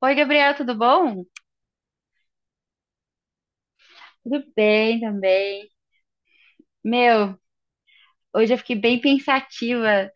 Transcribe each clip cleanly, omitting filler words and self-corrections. Oi, Gabriel, tudo bom? Tudo bem também. Meu, hoje eu fiquei bem pensativa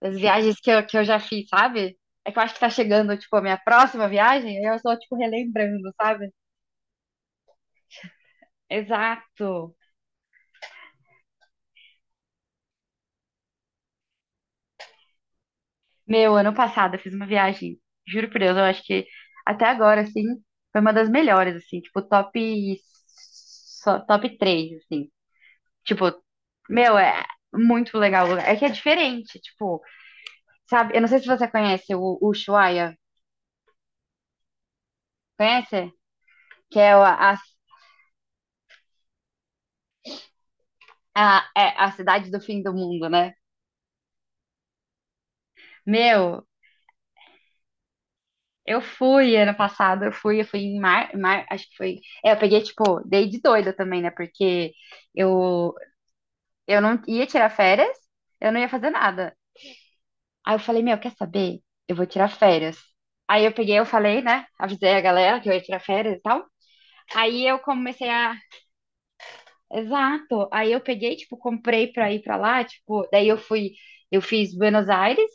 das viagens que eu já fiz, sabe? É que eu acho que tá chegando, tipo, a minha próxima viagem, aí eu só, tipo, relembrando, sabe? Exato. Meu, ano passado eu fiz uma viagem, juro por Deus, eu acho que até agora, assim, foi uma das melhores, assim, tipo, top, top 3, assim. Tipo, meu, é muito legal o lugar. É que é diferente, tipo, sabe? Eu não sei se você conhece o Ushuaia. Conhece? Que é é a cidade do fim do mundo, né? Meu, eu fui ano passado, eu fui em mar, acho que foi. É, eu peguei, tipo, dei de doida também, né? Porque eu, eu não ia tirar férias, eu não ia fazer nada. Aí eu falei, meu, quer saber? Eu vou tirar férias. Aí eu peguei, eu falei, né? Avisei a galera que eu ia tirar férias e tal. Aí eu comecei a. Exato. Aí eu peguei, tipo, comprei pra ir pra lá, tipo, daí eu fui, eu fiz Buenos Aires,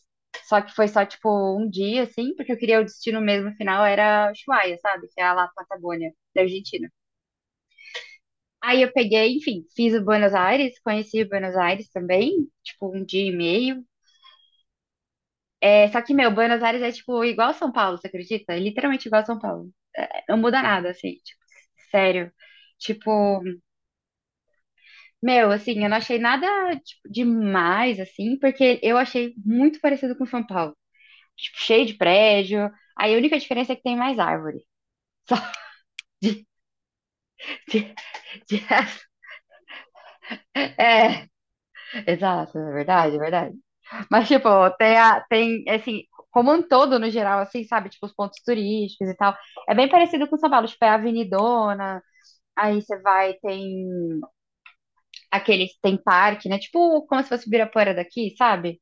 só que foi só, tipo, um dia, assim, porque eu queria o destino mesmo final, era Ushuaia, sabe? Que é lá na Patagônia, da Argentina. Aí eu peguei, enfim, fiz o Buenos Aires, conheci o Buenos Aires também, tipo, um dia e meio. É, só que, meu, Buenos Aires é, tipo, igual São Paulo, você acredita? É literalmente igual São Paulo. É, não muda nada, assim, tipo, sério. Tipo, meu, assim, eu não achei nada, tipo, demais, assim, porque eu achei muito parecido com São Paulo. Tipo, cheio de prédio. Aí a única diferença é que tem mais árvore. Só de- de- é, é, exato, é verdade, é verdade. Mas, tipo, tem, tem, assim, como um todo, no geral, assim, sabe? Tipo, os pontos turísticos e tal. É bem parecido com São Paulo. Tipo, é a Avenidona. Aí você vai, tem aqueles, tem parque, né? Tipo, como se fosse o Ibirapuera daqui, sabe?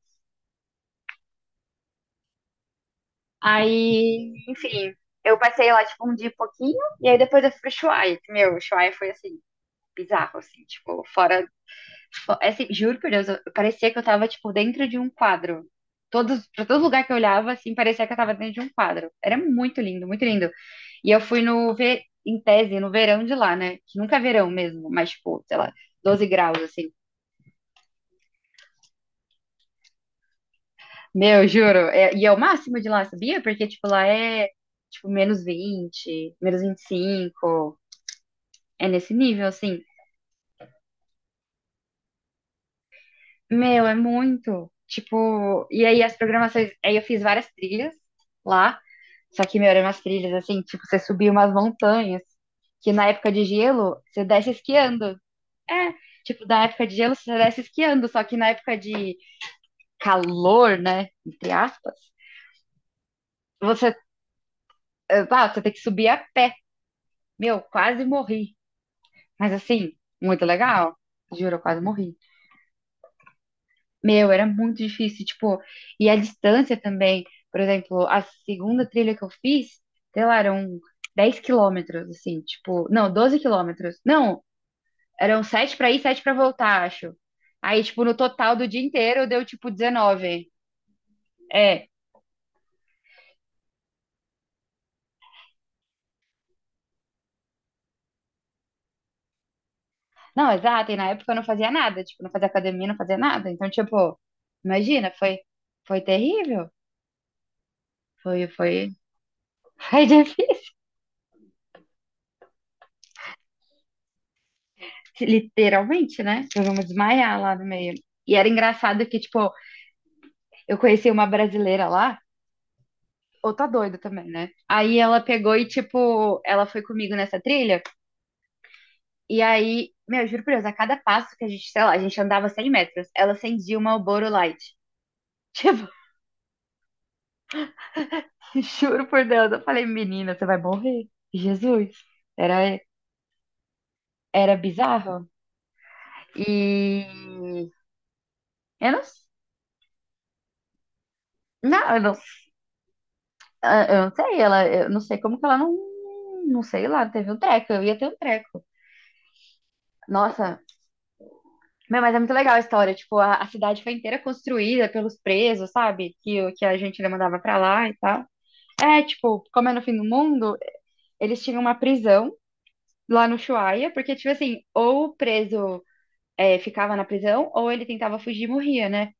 Aí, enfim, eu passei lá, tipo, um dia e pouquinho, e aí depois eu fui pro Ushuaia. Meu, o Ushuaia foi, assim, bizarro, assim, tipo, é, assim, juro por Deus, eu, parecia que eu tava, tipo, dentro de um quadro. Todos, pra todo lugar que eu olhava, assim, parecia que eu tava dentro de um quadro. Era muito lindo, muito lindo. E eu fui no, em tese, no verão de lá, né? Que nunca é verão mesmo, mas, tipo, sei lá, 12 graus, assim. Meu, juro. E é o máximo de lá, sabia? Porque, tipo, lá é, tipo, menos 20 menos 25. É nesse nível, assim. Meu, é muito. Tipo, e aí as programações. Aí eu fiz várias trilhas lá. Só que, meu, eram umas trilhas, assim, tipo, você subia umas montanhas. Que na época de gelo, você desce esquiando. É, tipo, na época de gelo, você desce esquiando. Só que na época de calor, né? Entre aspas, você, você tem que subir a pé. Meu, quase morri. Mas, assim, muito legal. Juro, eu quase morri. Meu, era muito difícil, tipo, e a distância também, por exemplo, a segunda trilha que eu fiz, sei lá, eram 10 quilômetros, assim, tipo, não, 12 quilômetros, não, eram 7 pra ir, 7 pra voltar, acho. Aí, tipo, no total do dia inteiro deu, tipo, 19. É. Não, exato, e na época eu não fazia nada, tipo, não fazia academia, não fazia nada, então, tipo, imagina, foi, foi terrível, foi, foi, foi difícil, literalmente, né, eu vou desmaiar lá no meio. E era engraçado que, tipo, eu conheci uma brasileira lá, outra doida também, né? Aí ela pegou e, tipo, ela foi comigo nessa trilha. E aí, meu, juro por Deus, a cada passo que a gente, sei lá, a gente andava 100 metros, ela acendia uma Marlboro Light. Tipo, juro por Deus, eu falei, menina, você vai morrer. Jesus. Era, Era bizarro. E eu não, não, eu não, eu não sei, ela, eu não sei como que ela não, não sei lá, teve um treco, eu ia ter um treco. Nossa, meu, mas é muito legal a história. Tipo, a cidade foi inteira construída pelos presos, sabe? Que, que a gente mandava pra lá e tal. É, tipo, como é no fim do mundo, eles tinham uma prisão lá no Ushuaia, porque, tipo assim, ou o preso ficava na prisão, ou ele tentava fugir e morria, né?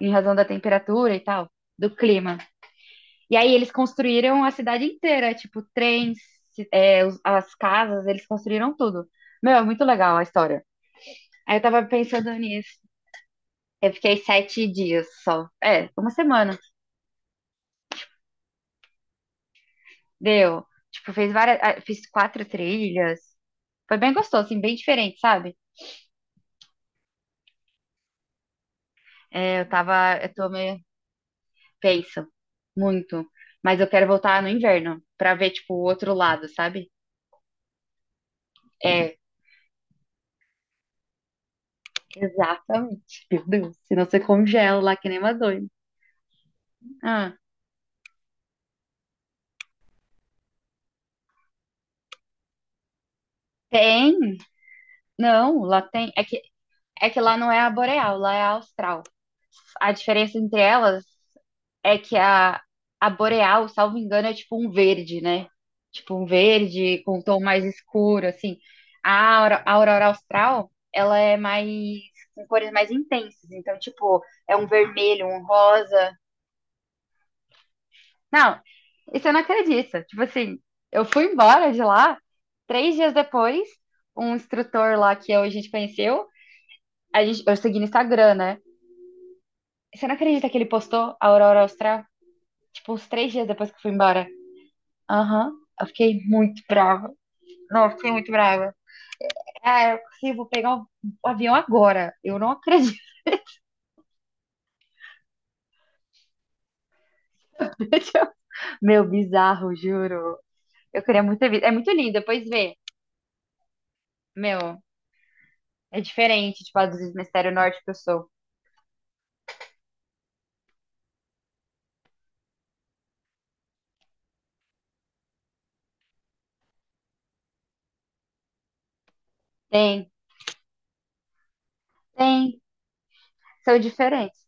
Em razão da temperatura e tal, do clima. E aí eles construíram a cidade inteira, tipo, trens, as casas, eles construíram tudo. Meu, é muito legal a história. Aí eu tava pensando nisso. Eu fiquei 7 dias só. É, uma semana. Deu. Tipo, fiz várias, ah, fiz quatro trilhas. Foi bem gostoso, assim, bem diferente, sabe? É, eu tava, eu tô meio tenso, muito. Mas eu quero voltar no inverno pra ver, tipo, o outro lado, sabe? É, exatamente. Meu Deus, senão você congela lá que nem uma doida. Ah, tem? Não, lá tem. É que lá não é a boreal, lá é a austral. A diferença entre elas é que a boreal, salvo engano, é tipo um verde, né? Tipo um verde com um tom mais escuro, assim. A aurora austral, ela é mais, com cores mais intensas. Então, tipo, é um vermelho, um rosa. Não, isso eu não acredito. Tipo assim, eu fui embora de lá, 3 dias depois, um instrutor lá que a gente conheceu, a gente, eu segui no Instagram, né? Você não acredita que ele postou a aurora austral? Tipo, uns 3 dias depois que eu fui embora. Aham. Eu fiquei muito brava. Não, eu fiquei muito brava. Ah, eu consigo, vou pegar o avião agora. Eu não acredito. Meu, bizarro, juro. Eu queria muito ter visto. É muito lindo, depois vê. Meu, é diferente, tipo, a dos hemisfério norte que eu sou. Tem, tem. São diferentes.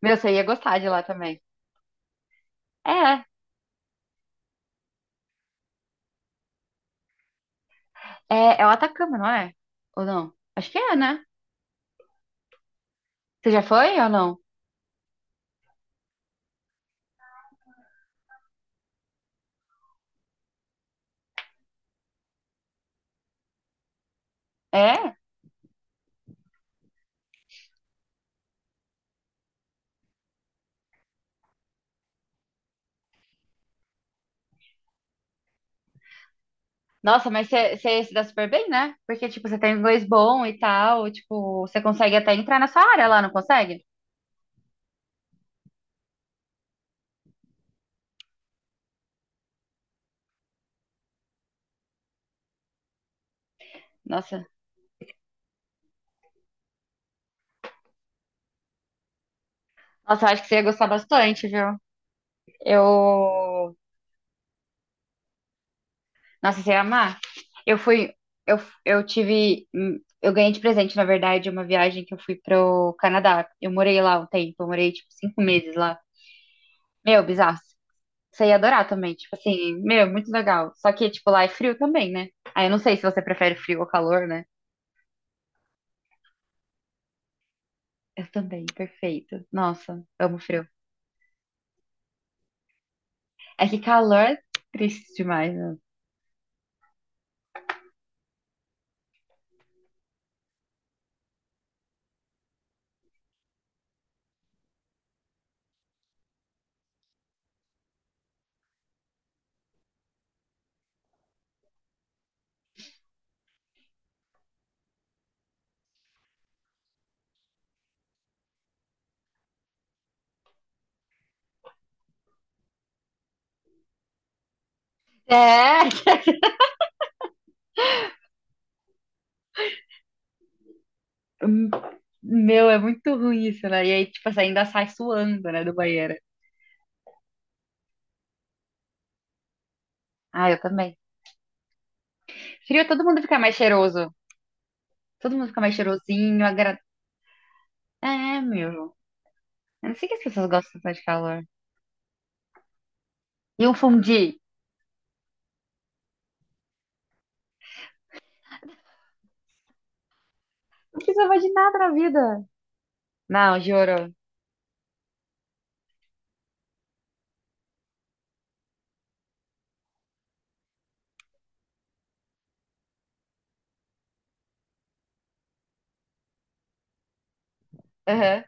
Meu, você ia gostar de lá também. É, É o Atacama, não é? Ou não? Acho que é, né? Você já foi ou não? É? Nossa, mas você se dá super bem, né? Porque, tipo, você tem inglês bom e tal, tipo, você consegue até entrar na sua área lá, não consegue? Nossa, nossa, eu acho que você ia gostar bastante, viu? Eu, Nossa, você ia amar. Eu fui, eu, eu tive, Eu ganhei de presente, na verdade, uma viagem que eu fui pro Canadá. Eu morei lá um tempo, eu morei, tipo, 5 meses lá. Meu, bizarro. Você ia adorar também, tipo assim, meu, muito legal. Só que, tipo, lá é frio também, né? Aí eu não sei se você prefere frio ou calor, né? Eu também, perfeito. Nossa, amo frio. É que calor é triste demais, né? É, Hum, meu, é muito ruim isso, né? E aí, tipo assim, ainda sai suando, né, do banheiro. Ah, eu também. Frio, todo mundo fica mais cheiroso. Todo mundo fica mais cheirosinho, agra... É, meu. Eu não sei que as pessoas gostam tanto de calor. E um fundi? Não precisa mais de nada na vida. Não, juro. Aham.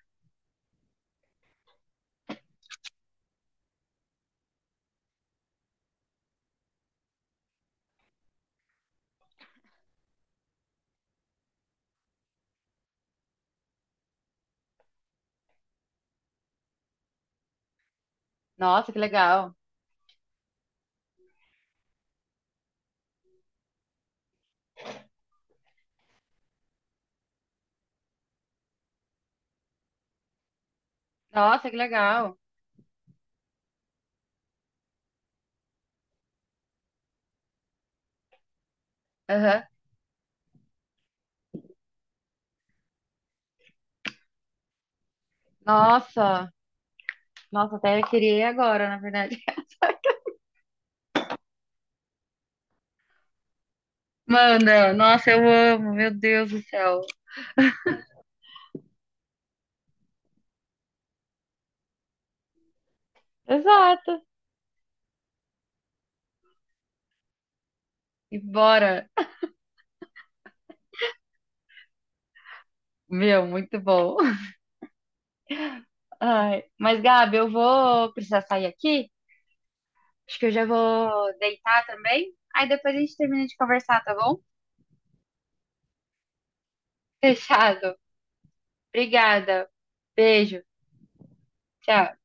Nossa, que legal. Nossa, que legal. Aham. Nossa. Nossa, até eu queria ir agora, na verdade. Manda, nossa, eu amo, meu Deus do céu. Exato. E bora. Meu, muito bom. Ai, mas Gabi, eu vou precisar sair aqui. Acho que eu já vou deitar também. Aí depois a gente termina de conversar, tá bom? Fechado. Obrigada. Beijo. Tchau.